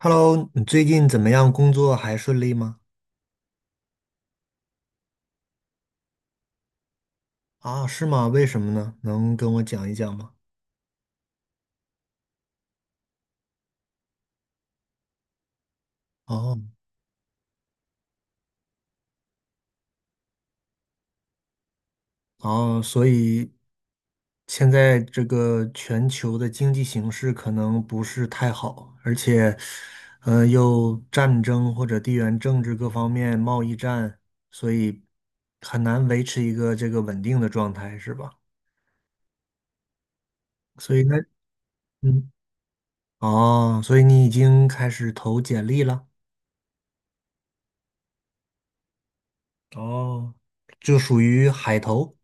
Hello，你最近怎么样？工作还顺利吗？啊，是吗？为什么呢？能跟我讲一讲吗？哦，哦，所以现在这个全球的经济形势可能不是太好，而且，又战争或者地缘政治各方面贸易战，所以很难维持一个这个稳定的状态，是吧？所以那，嗯，哦，所以你已经开始投简历了。哦，就属于海投。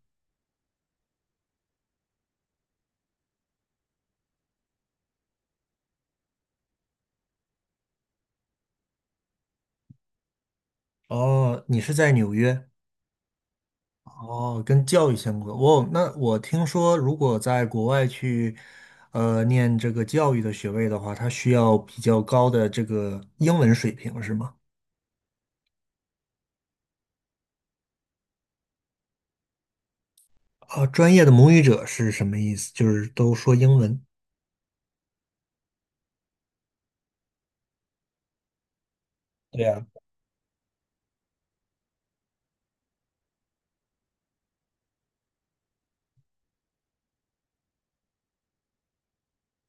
哦，你是在纽约？哦，跟教育相关。哦，那我听说，如果在国外去，念这个教育的学位的话，它需要比较高的这个英文水平，是吗？啊，专业的母语者是什么意思？就是都说英文。对呀。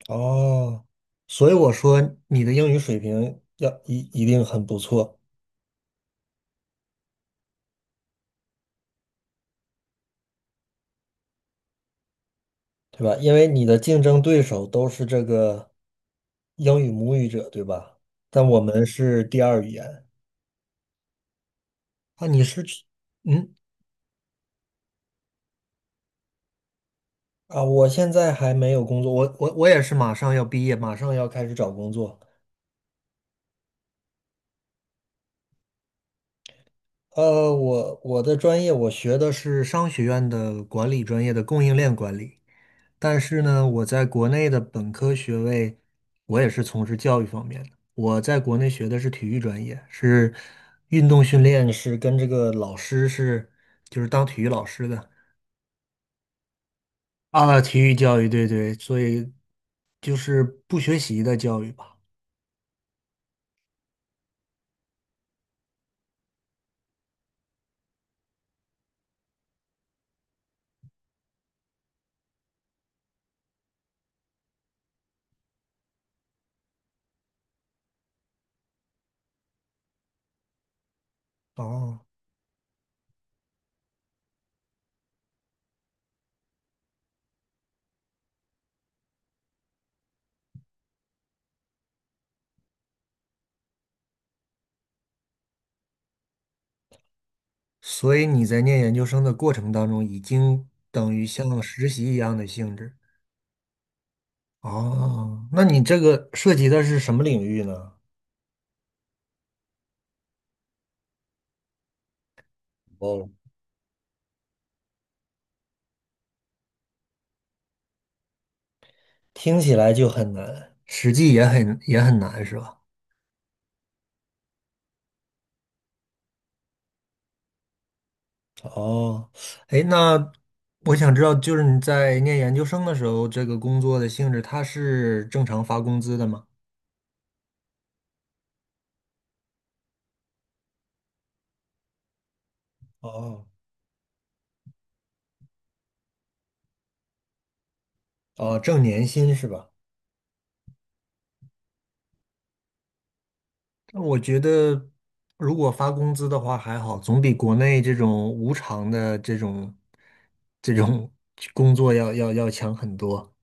哦，所以我说你的英语水平要一定很不错，对吧？因为你的竞争对手都是这个英语母语者，对吧？但我们是第二语言。啊，你是去，嗯，啊，我现在还没有工作，我也是马上要毕业，马上要开始找工作。我的专业我学的是商学院的管理专业的供应链管理，但是呢，我在国内的本科学位，我也是从事教育方面的。我在国内学的是体育专业，是运动训练，是跟这个老师是就是当体育老师的啊，体育教育，对对，所以就是不学习的教育吧。哦，所以你在念研究生的过程当中，已经等于像实习一样的性质。哦，那你这个涉及的是什么领域呢？哦，听起来就很难，实际也很难，是吧？哦，哎，那我想知道，就是你在念研究生的时候，这个工作的性质，它是正常发工资的吗？哦，哦，挣年薪是吧？我觉得如果发工资的话还好，总比国内这种无偿的这种工作要强很多。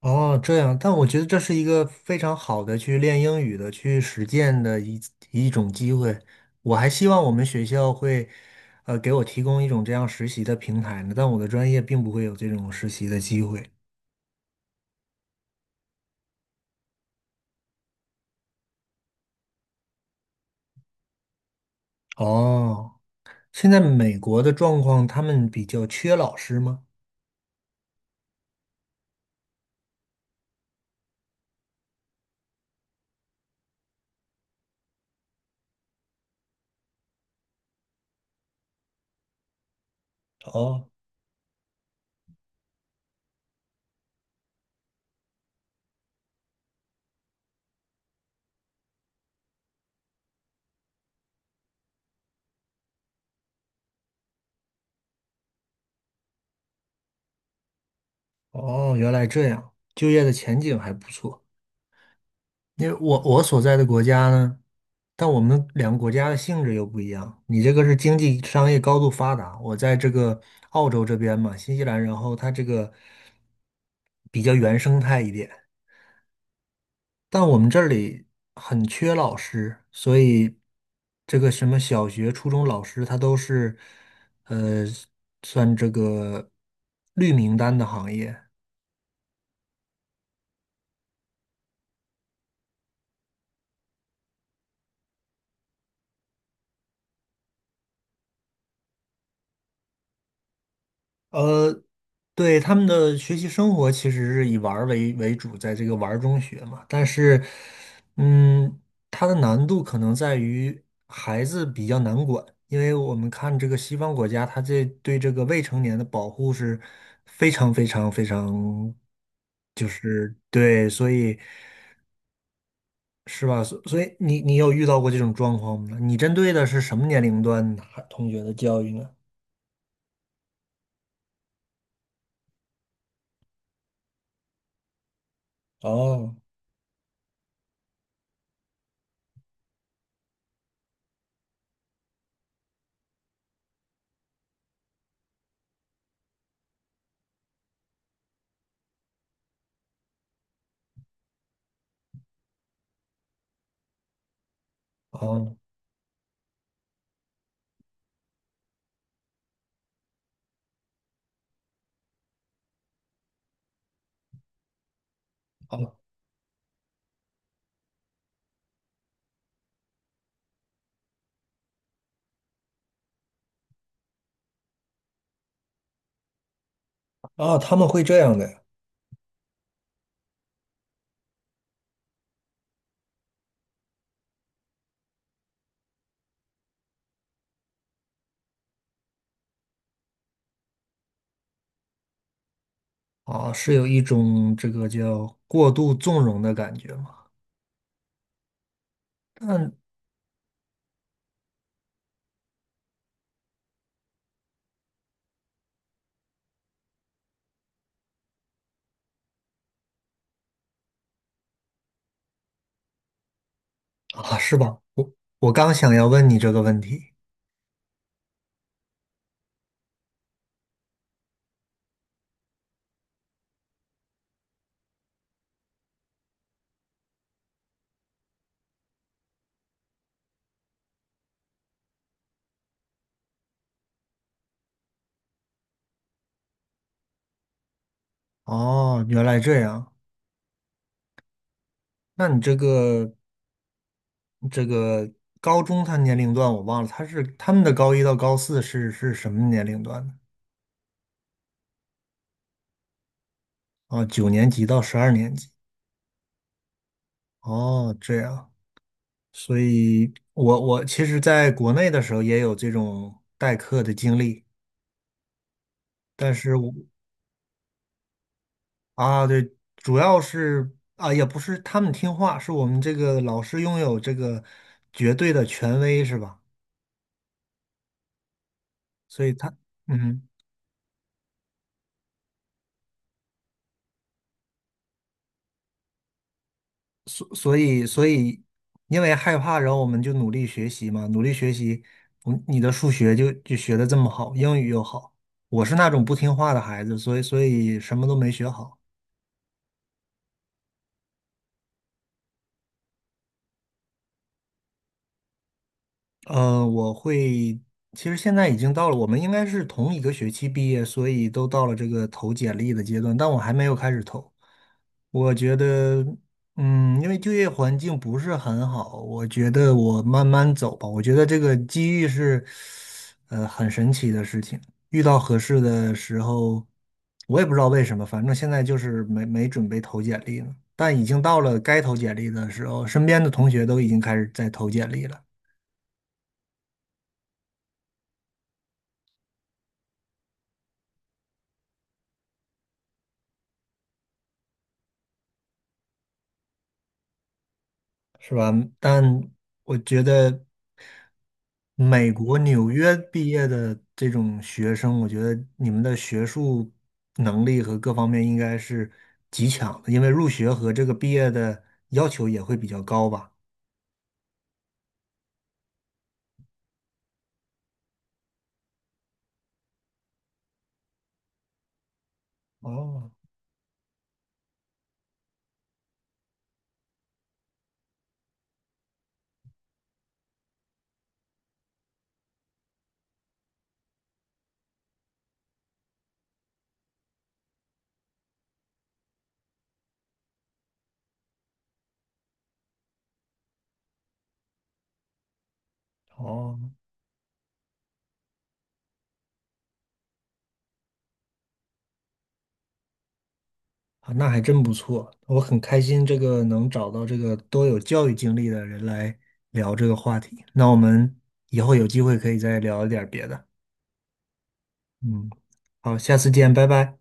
哦，这样，但我觉得这是一个非常好的去练英语的、去实践的一种机会。我还希望我们学校会，给我提供一种这样实习的平台呢，但我的专业并不会有这种实习的机会。哦，现在美国的状况，他们比较缺老师吗？哦。哦，原来这样，就业的前景还不错。因为我所在的国家呢，但我们两个国家的性质又不一样。你这个是经济商业高度发达，我在这个澳洲这边嘛，新西兰，然后它这个比较原生态一点。但我们这里很缺老师，所以这个什么小学、初中老师，他都是呃算这个绿名单的行业。呃，对，他们的学习生活其实是以玩儿为主，在这个玩儿中学嘛。但是，嗯，它的难度可能在于孩子比较难管，因为我们看这个西方国家，它这对这个未成年的保护是非常非常非常，就是对，所以是吧？所以你有遇到过这种状况吗？你针对的是什么年龄段的同学的教育呢？哦哦。哦，哦，他们会这样的，啊，是有一种这个叫过度纵容的感觉吗？嗯啊，是吧？我刚想要问你这个问题。哦，原来这样。那你这个高中他年龄段我忘了，他是他们的高一到高四是什么年龄段呢？啊，九年级到十二年级。哦，这样。所以我其实在国内的时候也有这种代课的经历，但是我啊，对，主要是啊，也不是他们听话，是我们这个老师拥有这个绝对的权威，是吧？所以他，嗯，所以，因为害怕，然后我们就努力学习嘛，努力学习，嗯，你的数学就学的这么好，英语又好，我是那种不听话的孩子，所以什么都没学好。我会，其实现在已经到了，我们应该是同一个学期毕业，所以都到了这个投简历的阶段，但我还没有开始投。我觉得，嗯，因为就业环境不是很好，我觉得我慢慢走吧。我觉得这个机遇是，很神奇的事情。遇到合适的时候，我也不知道为什么，反正现在就是没准备投简历呢。但已经到了该投简历的时候，身边的同学都已经开始在投简历了。是吧？但我觉得美国纽约毕业的这种学生，我觉得你们的学术能力和各方面应该是极强的，因为入学和这个毕业的要求也会比较高吧？哦哦，啊，那还真不错，我很开心这个能找到这个都有教育经历的人来聊这个话题。那我们以后有机会可以再聊一点儿别的。嗯，好，下次见，拜拜。